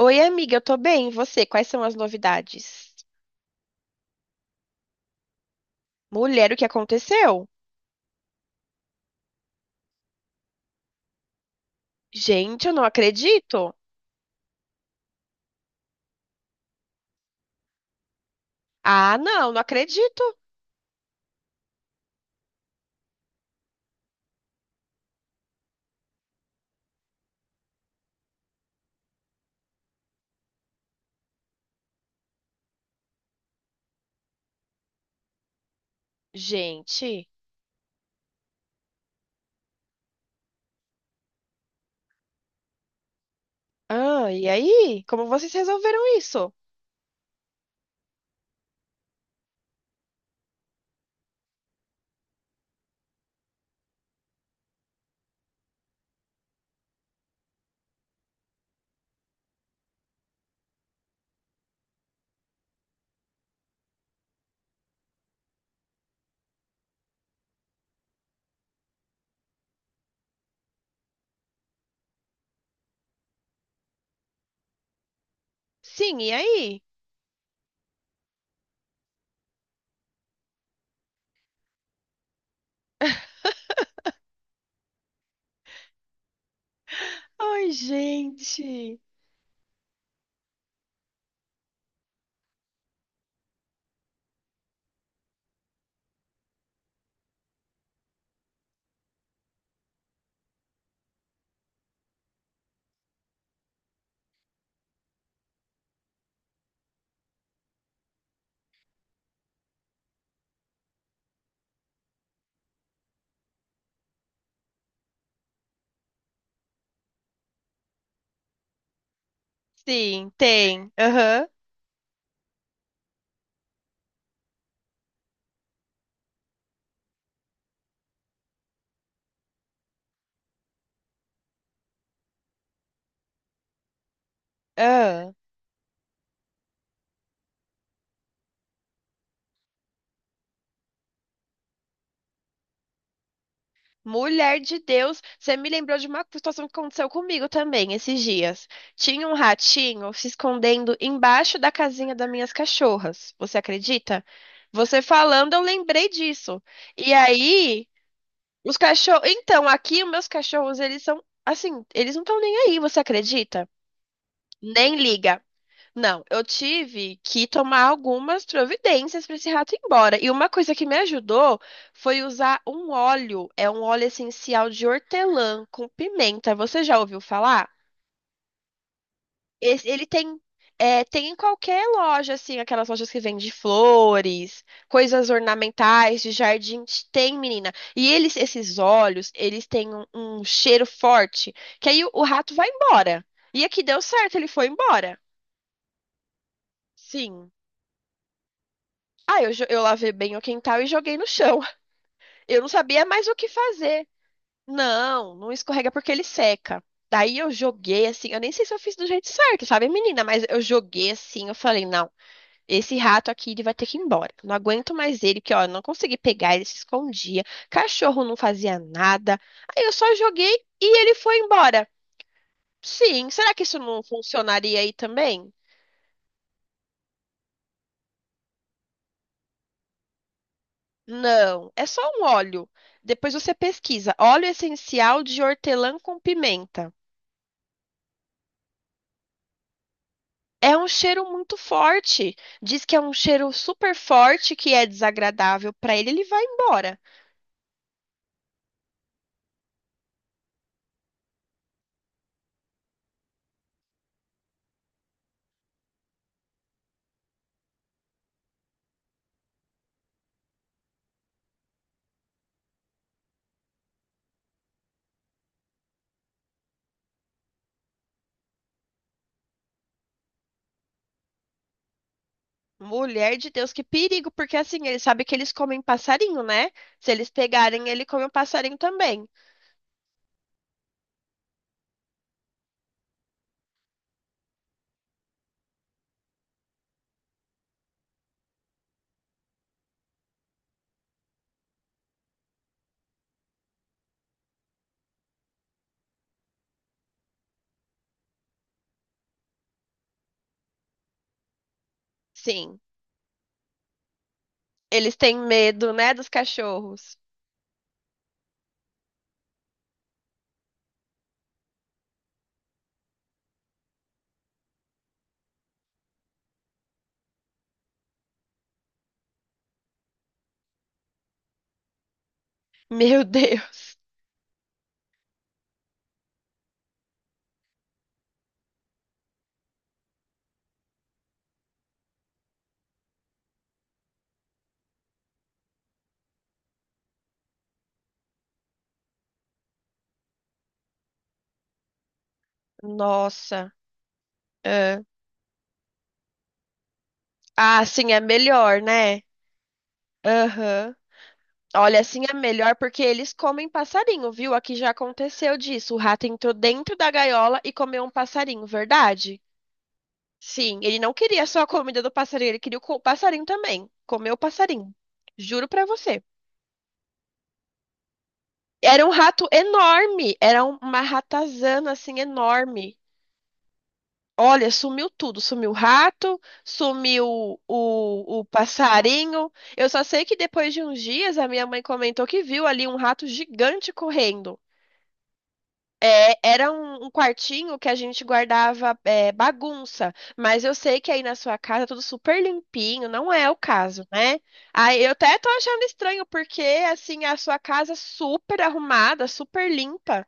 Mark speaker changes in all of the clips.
Speaker 1: Oi, amiga, eu tô bem. E você? Quais são as novidades? Mulher, o que aconteceu? Gente, eu não acredito. Ah, não, não acredito. Gente. Ah, e aí? Como vocês resolveram isso? Sim, e aí? Ai, gente. Sim, tem. Aham. Ah. Mulher de Deus, você me lembrou de uma situação que aconteceu comigo também esses dias. Tinha um ratinho se escondendo embaixo da casinha das minhas cachorras. Você acredita? Você falando, eu lembrei disso. E aí, os cachorros. Então, aqui, os meus cachorros, eles são assim, eles não estão nem aí, você acredita? Nem liga. Não, eu tive que tomar algumas providências para esse rato ir embora. E uma coisa que me ajudou foi usar um óleo, é um óleo essencial de hortelã com pimenta. Você já ouviu falar? Ele tem, tem em qualquer loja, assim, aquelas lojas que vendem flores, coisas ornamentais, de jardim, tem, menina. E eles, esses óleos, eles têm um cheiro forte, que aí o rato vai embora. E aqui deu certo, ele foi embora. Sim. Ah, eu, eu lavei bem o quintal e joguei no chão. Eu não sabia mais o que fazer. Não, não escorrega porque ele seca. Daí eu joguei assim, eu nem sei se eu fiz do jeito certo, sabe, menina? Mas eu joguei assim, eu falei, não, esse rato aqui ele vai ter que ir embora. Não aguento mais ele, porque ó, eu não consegui pegar, ele se escondia. Cachorro não fazia nada. Aí eu só joguei e ele foi embora. Sim, será que isso não funcionaria aí também? Não, é só um óleo. Depois você pesquisa. Óleo essencial de hortelã com pimenta. É um cheiro muito forte. Diz que é um cheiro super forte que é desagradável para ele, ele vai embora. Mulher de Deus, que perigo, porque assim, ele sabe que eles comem passarinho, né? Se eles pegarem, ele come o passarinho também. Sim, eles têm medo, né, dos cachorros. Meu Deus. Nossa. Ah, ah, sim, é melhor, né? Aham. Olha, assim é melhor porque eles comem passarinho, viu? Aqui já aconteceu disso. O rato entrou dentro da gaiola e comeu um passarinho, verdade? Sim, ele não queria só a comida do passarinho, ele queria o passarinho também. Comeu o passarinho. Juro pra você. Era um rato enorme, era uma ratazana assim enorme. Olha, sumiu tudo, sumiu o rato, sumiu o passarinho. Eu só sei que depois de uns dias a minha mãe comentou que viu ali um rato gigante correndo. Era um quartinho que a gente guardava bagunça, mas eu sei que aí na sua casa é tudo super limpinho, não é o caso, né? Aí eu até tô achando estranho, porque assim, a sua casa é super arrumada, super limpa.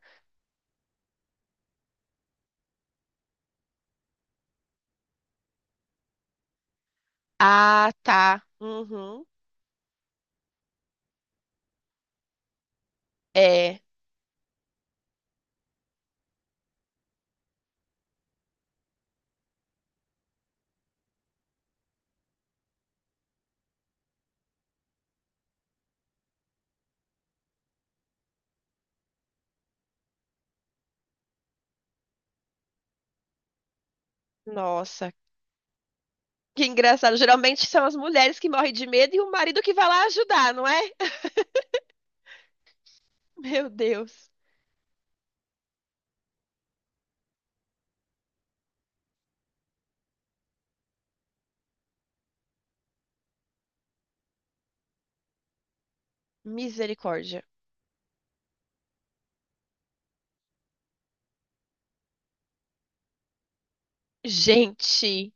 Speaker 1: Ah, tá. Uhum. É. Nossa, que engraçado. Geralmente são as mulheres que morrem de medo e o marido que vai lá ajudar, não é? Meu Deus. Misericórdia. Gente,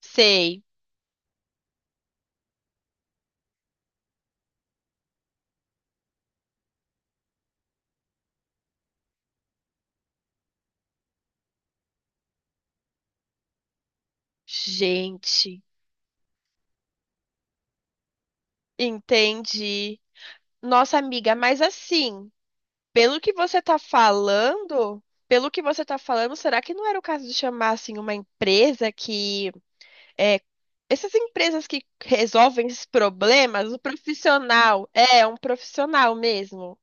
Speaker 1: sei. Gente, entendi. Nossa, amiga, mas assim, pelo que você tá falando, pelo que você tá falando, será que não era o caso de chamar assim uma empresa que é, essas empresas que resolvem esses problemas, o profissional, é um profissional mesmo.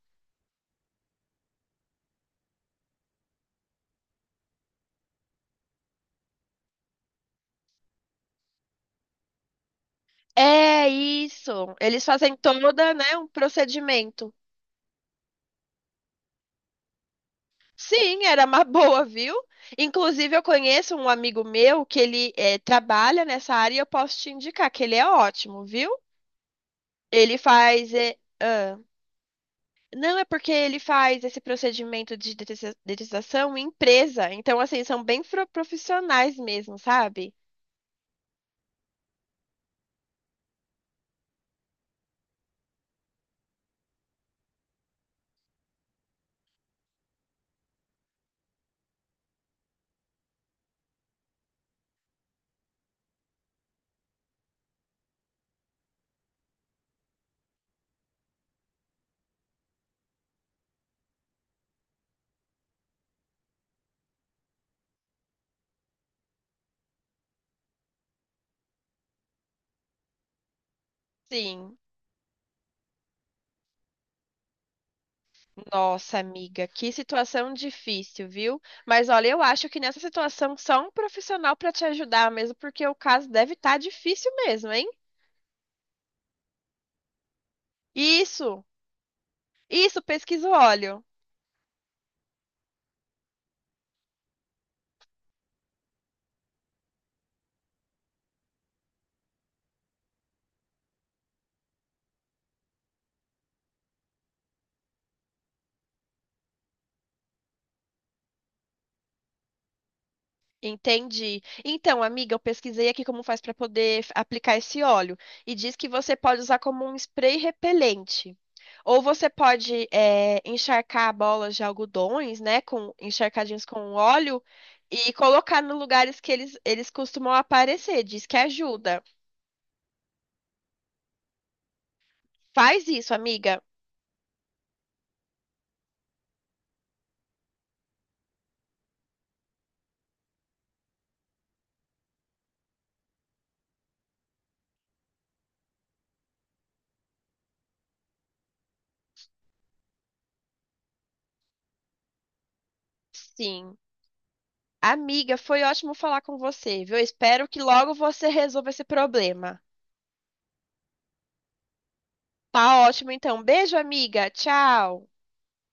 Speaker 1: É isso. Eles fazem toda, né, um procedimento. Sim, era uma boa, viu? Inclusive, eu conheço um amigo meu que ele trabalha nessa área e eu posso te indicar que ele é ótimo, viu? Ele faz. Ah. Não, é porque ele faz esse procedimento de detetização em empresa. Então, assim, são bem profissionais mesmo, sabe? Sim. Nossa, amiga, que situação difícil, viu? Mas olha, eu acho que nessa situação só um profissional pra te ajudar mesmo, porque o caso deve estar difícil mesmo, hein? Isso, isso, pesquisa o óleo. Entendi. Então, amiga, eu pesquisei aqui como faz para poder aplicar esse óleo e diz que você pode usar como um spray repelente. Ou você pode encharcar bolas de algodões, né, com encharcadinhos com óleo e colocar nos lugares que eles costumam aparecer. Diz que ajuda. Faz isso, amiga. Sim. Amiga, foi ótimo falar com você, viu? Espero que logo você resolva esse problema. Tá ótimo, então. Beijo, amiga. Tchau.